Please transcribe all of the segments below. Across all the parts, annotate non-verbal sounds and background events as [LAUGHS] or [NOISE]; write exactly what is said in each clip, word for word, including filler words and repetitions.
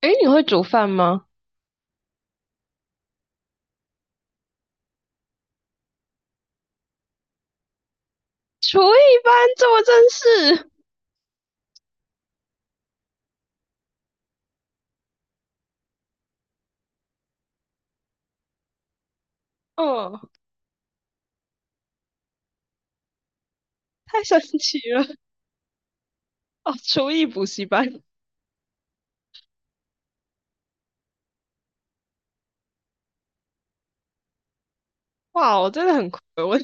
诶，你会煮饭吗？厨艺班这么正式。嗯。太神奇了哦！厨艺补习班。哇，我真的很亏，我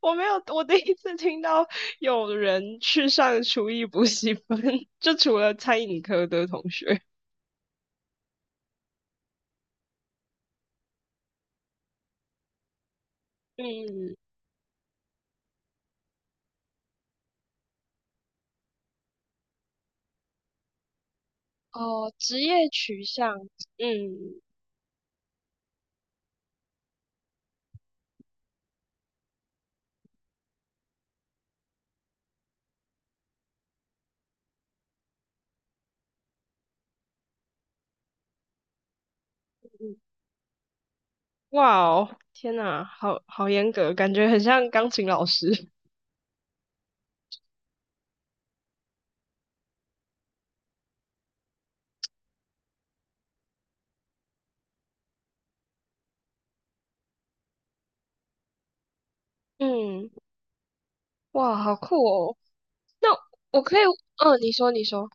我没有，我第一次听到有人去上厨艺补习班，[LAUGHS] 就除了餐饮科的同学。嗯。哦，职业取向。嗯嗯。哇哦，天呐，好好严格，感觉很像钢琴老师。嗯。哇，好酷哦！那我可以。嗯，你说，你说。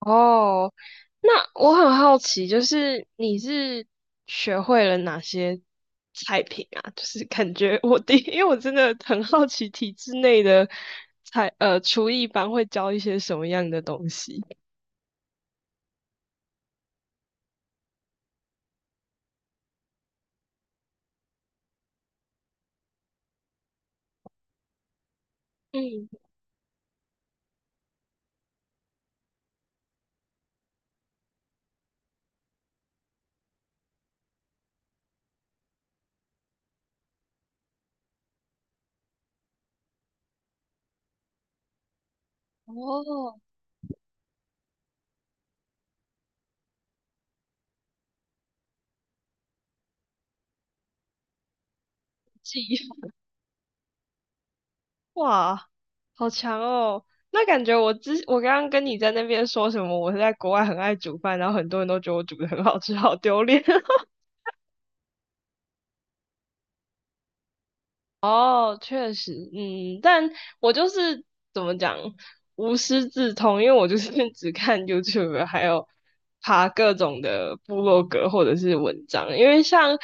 哦，那我很好奇，就是你是学会了哪些菜品啊？就是感觉我第，[LAUGHS] 因为我真的很好奇体制内的菜，呃，厨艺班会教一些什么样的东西。嗯。哦，记忆。[LAUGHS] 哇，好强哦！那感觉我之我刚刚跟你在那边说什么，我是在国外很爱煮饭，然后很多人都觉得我煮的很好吃，好丢脸。[LAUGHS] 哦，确实，嗯，但我就是怎么讲，无师自通，因为我就是 [LAUGHS] 只看 YouTube,还有爬各种的部落格或者是文章。因为像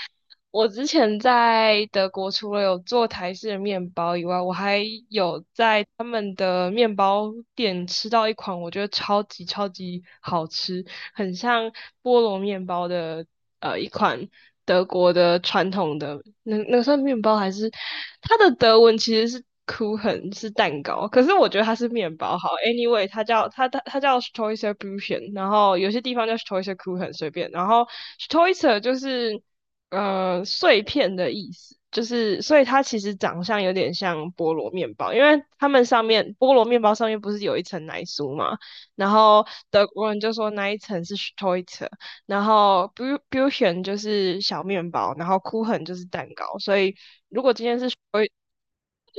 我之前在德国，除了有做台式的面包以外，我还有在他们的面包店吃到一款我觉得超级超级好吃，很像菠萝面包的呃一款德国的传统的那那个算面包还是它的德文其实是 Kuchen 是蛋糕，可是我觉得它是面包好。Anyway,它叫它它它叫 s t o i s e r b u c h e n, 然后有些地方叫 s t o i s e r Kuchen 随便，然后 s t o i s e r 就是呃碎片的意思。就是，所以它其实长相有点像菠萝面包，因为它们上面菠萝面包上面不是有一层奶酥嘛，然后德国人就说那一层是 s t o i r, 然后 Bu- Bution 就是小面包，然后 Kuchen 就是蛋糕，所以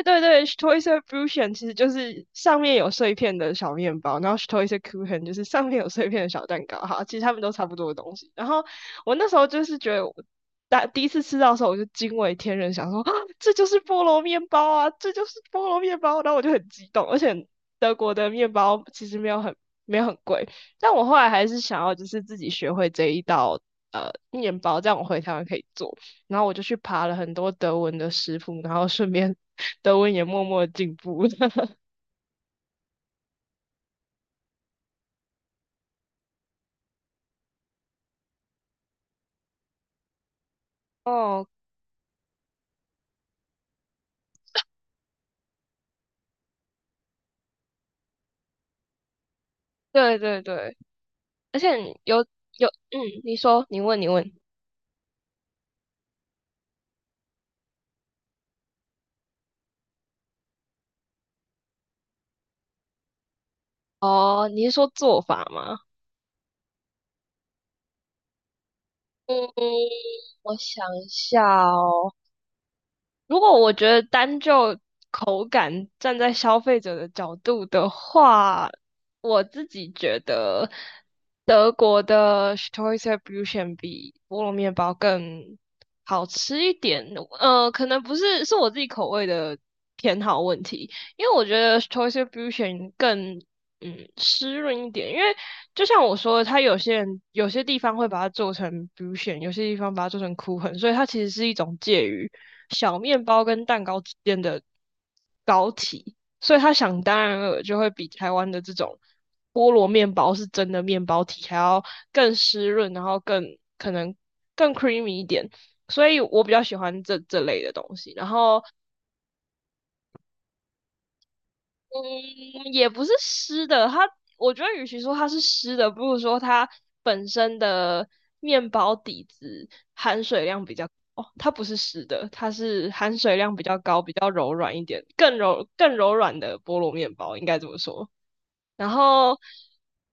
对对 s t o i s e r b r u c h e n 其实就是上面有碎片的小面包，然后 s t o i s e r Kuchen 就是上面有碎片的小蛋糕。哈，其实他们都差不多的东西。然后我那时候就是觉得我，大第一次吃到的时候，我就惊为天人，想说，啊，这就是菠萝面包啊，这就是菠萝面包。然后我就很激动，而且德国的面包其实没有很没有很贵，但我后来还是想要就是自己学会这一道。呃，面包这样我回台湾可以做，然后我就去爬了很多德文的食谱，然后顺便德文也默默进步了。[LAUGHS] 哦，对对对，而且你有有，嗯，你说，你问，你问。哦，你是说做法吗？嗯，我想一下。哦，如果我觉得单就口感，站在消费者的角度的话，我自己觉得德国的 s t o r s e b u ö t c h e n 比菠萝面包更好吃一点。呃，可能不是是我自己口味的偏好问题，因为我觉得 s t o r s e b u ö t c h e n 更嗯湿润一点，因为就像我说的，它有些人有些地方会把它做成比 u s, 有些地方把它做成 k u, 所以它其实是一种介于小面包跟蛋糕之间的糕体，所以它想当然了就会比台湾的这种菠萝面包是真的面包体还要更湿润，然后更可能更 creamy 一点，所以我比较喜欢这这类的东西。然后嗯，也不是湿的，它我觉得与其说它是湿的，不如说它本身的面包底子含水量比较，哦，它不是湿的，它是含水量比较高、比较柔软一点，更柔更柔软的菠萝面包，应该这么说。然后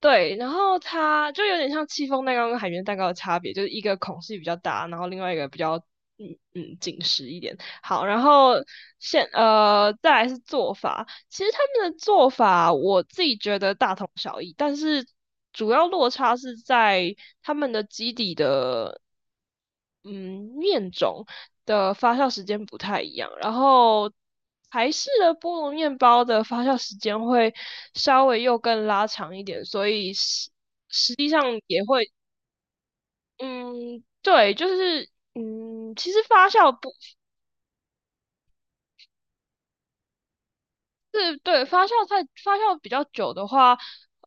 对，然后它就有点像戚风蛋糕跟海绵蛋糕的差别，就是一个孔隙比较大，然后另外一个比较嗯嗯紧实一点。好，然后现呃再来是做法，其实他们的做法我自己觉得大同小异，但是主要落差是在他们的基底的嗯面种的发酵时间不太一样，然后台式的菠萝面包的发酵时间会稍微又更拉长一点，所以实实际上也会，嗯，对，就是，嗯，其实发酵不是，对，发酵太发酵比较久的话，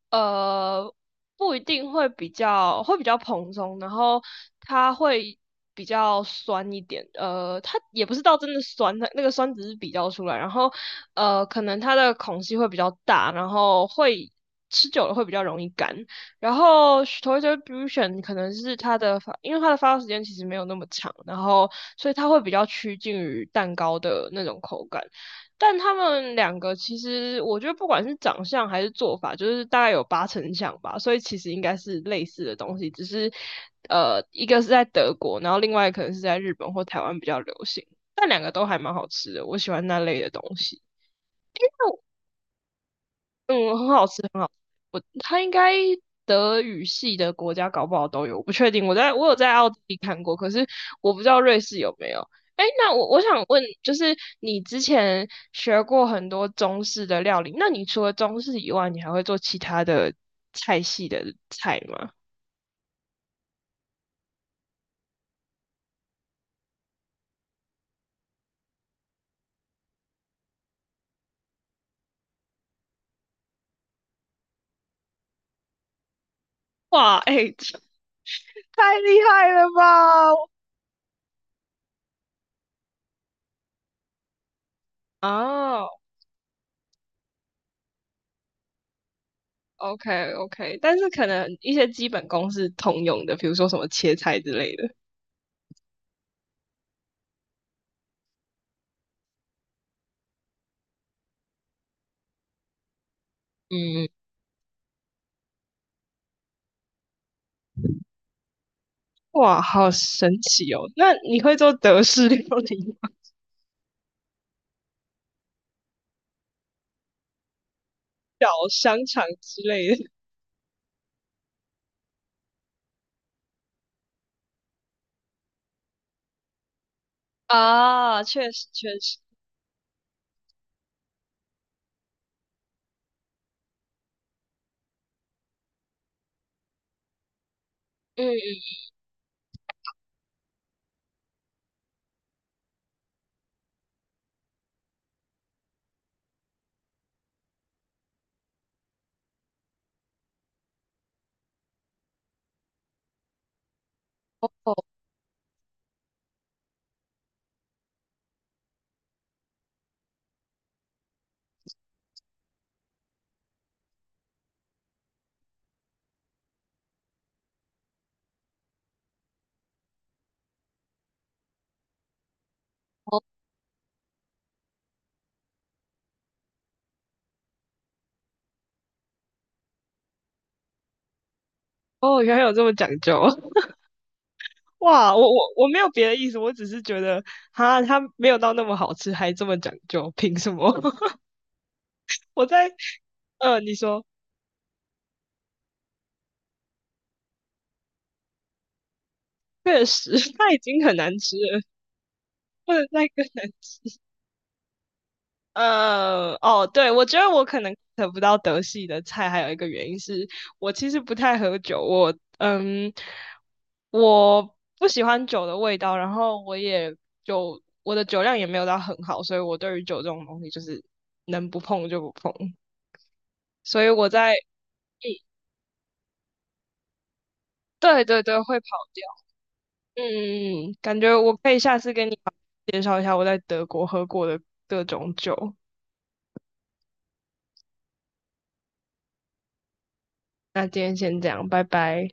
呃，不一定会比较会比较蓬松，然后它会比较酸一点，呃，它也不是到真的酸，它那个酸只是比较出来，然后呃，可能它的孔隙会比较大，然后会吃久了会比较容易干，然后 s t o r a u s i o n 可能是它的发，因为它的发酵时间其实没有那么长，然后所以它会比较趋近于蛋糕的那种口感。但他们两个其实我觉得不管是长相还是做法，就是大概有八成像吧，所以其实应该是类似的东西，只是呃一个是在德国，然后另外可能是在日本或台湾比较流行，但两个都还蛮好吃的，我喜欢那类的东西。嗯，很好吃，很好吃。我它应该德语系的国家搞不好都有，我不确定。我在我有在奥地利看过，可是我不知道瑞士有没有。哎，那我我想问，就是你之前学过很多中式的料理，那你除了中式以外，你还会做其他的菜系的菜吗？哇，哎。[LAUGHS] 太厉害了吧！啊， o k OK，但是可能一些基本功是通用的，比如说什么切菜之类的。嗯哇，好神奇哦！那你会做德式料理吗？ [LAUGHS] 小香肠之类的。啊，确实确实。嗯。哦哦哦，原来有这么讲究！[LAUGHS] 哇，我我我没有别的意思，我只是觉得哈，它没有到那么好吃，还这么讲究，凭什么？[LAUGHS] 我在呃，你说，确实。[LAUGHS] 它已经很难吃了，不能再更难吃。呃，哦，对，我觉得我可能得不到德系的菜，还有一个原因是我其实不太喝酒，我嗯，我不喜欢酒的味道，然后我也酒，我的酒量也没有到很好，所以我对于酒这种东西就是能不碰就不碰，所以我在，嗯，对对对，会跑掉。嗯嗯嗯，感觉我可以下次跟你介绍一下我在德国喝过的各种酒，那今天先这样，拜拜。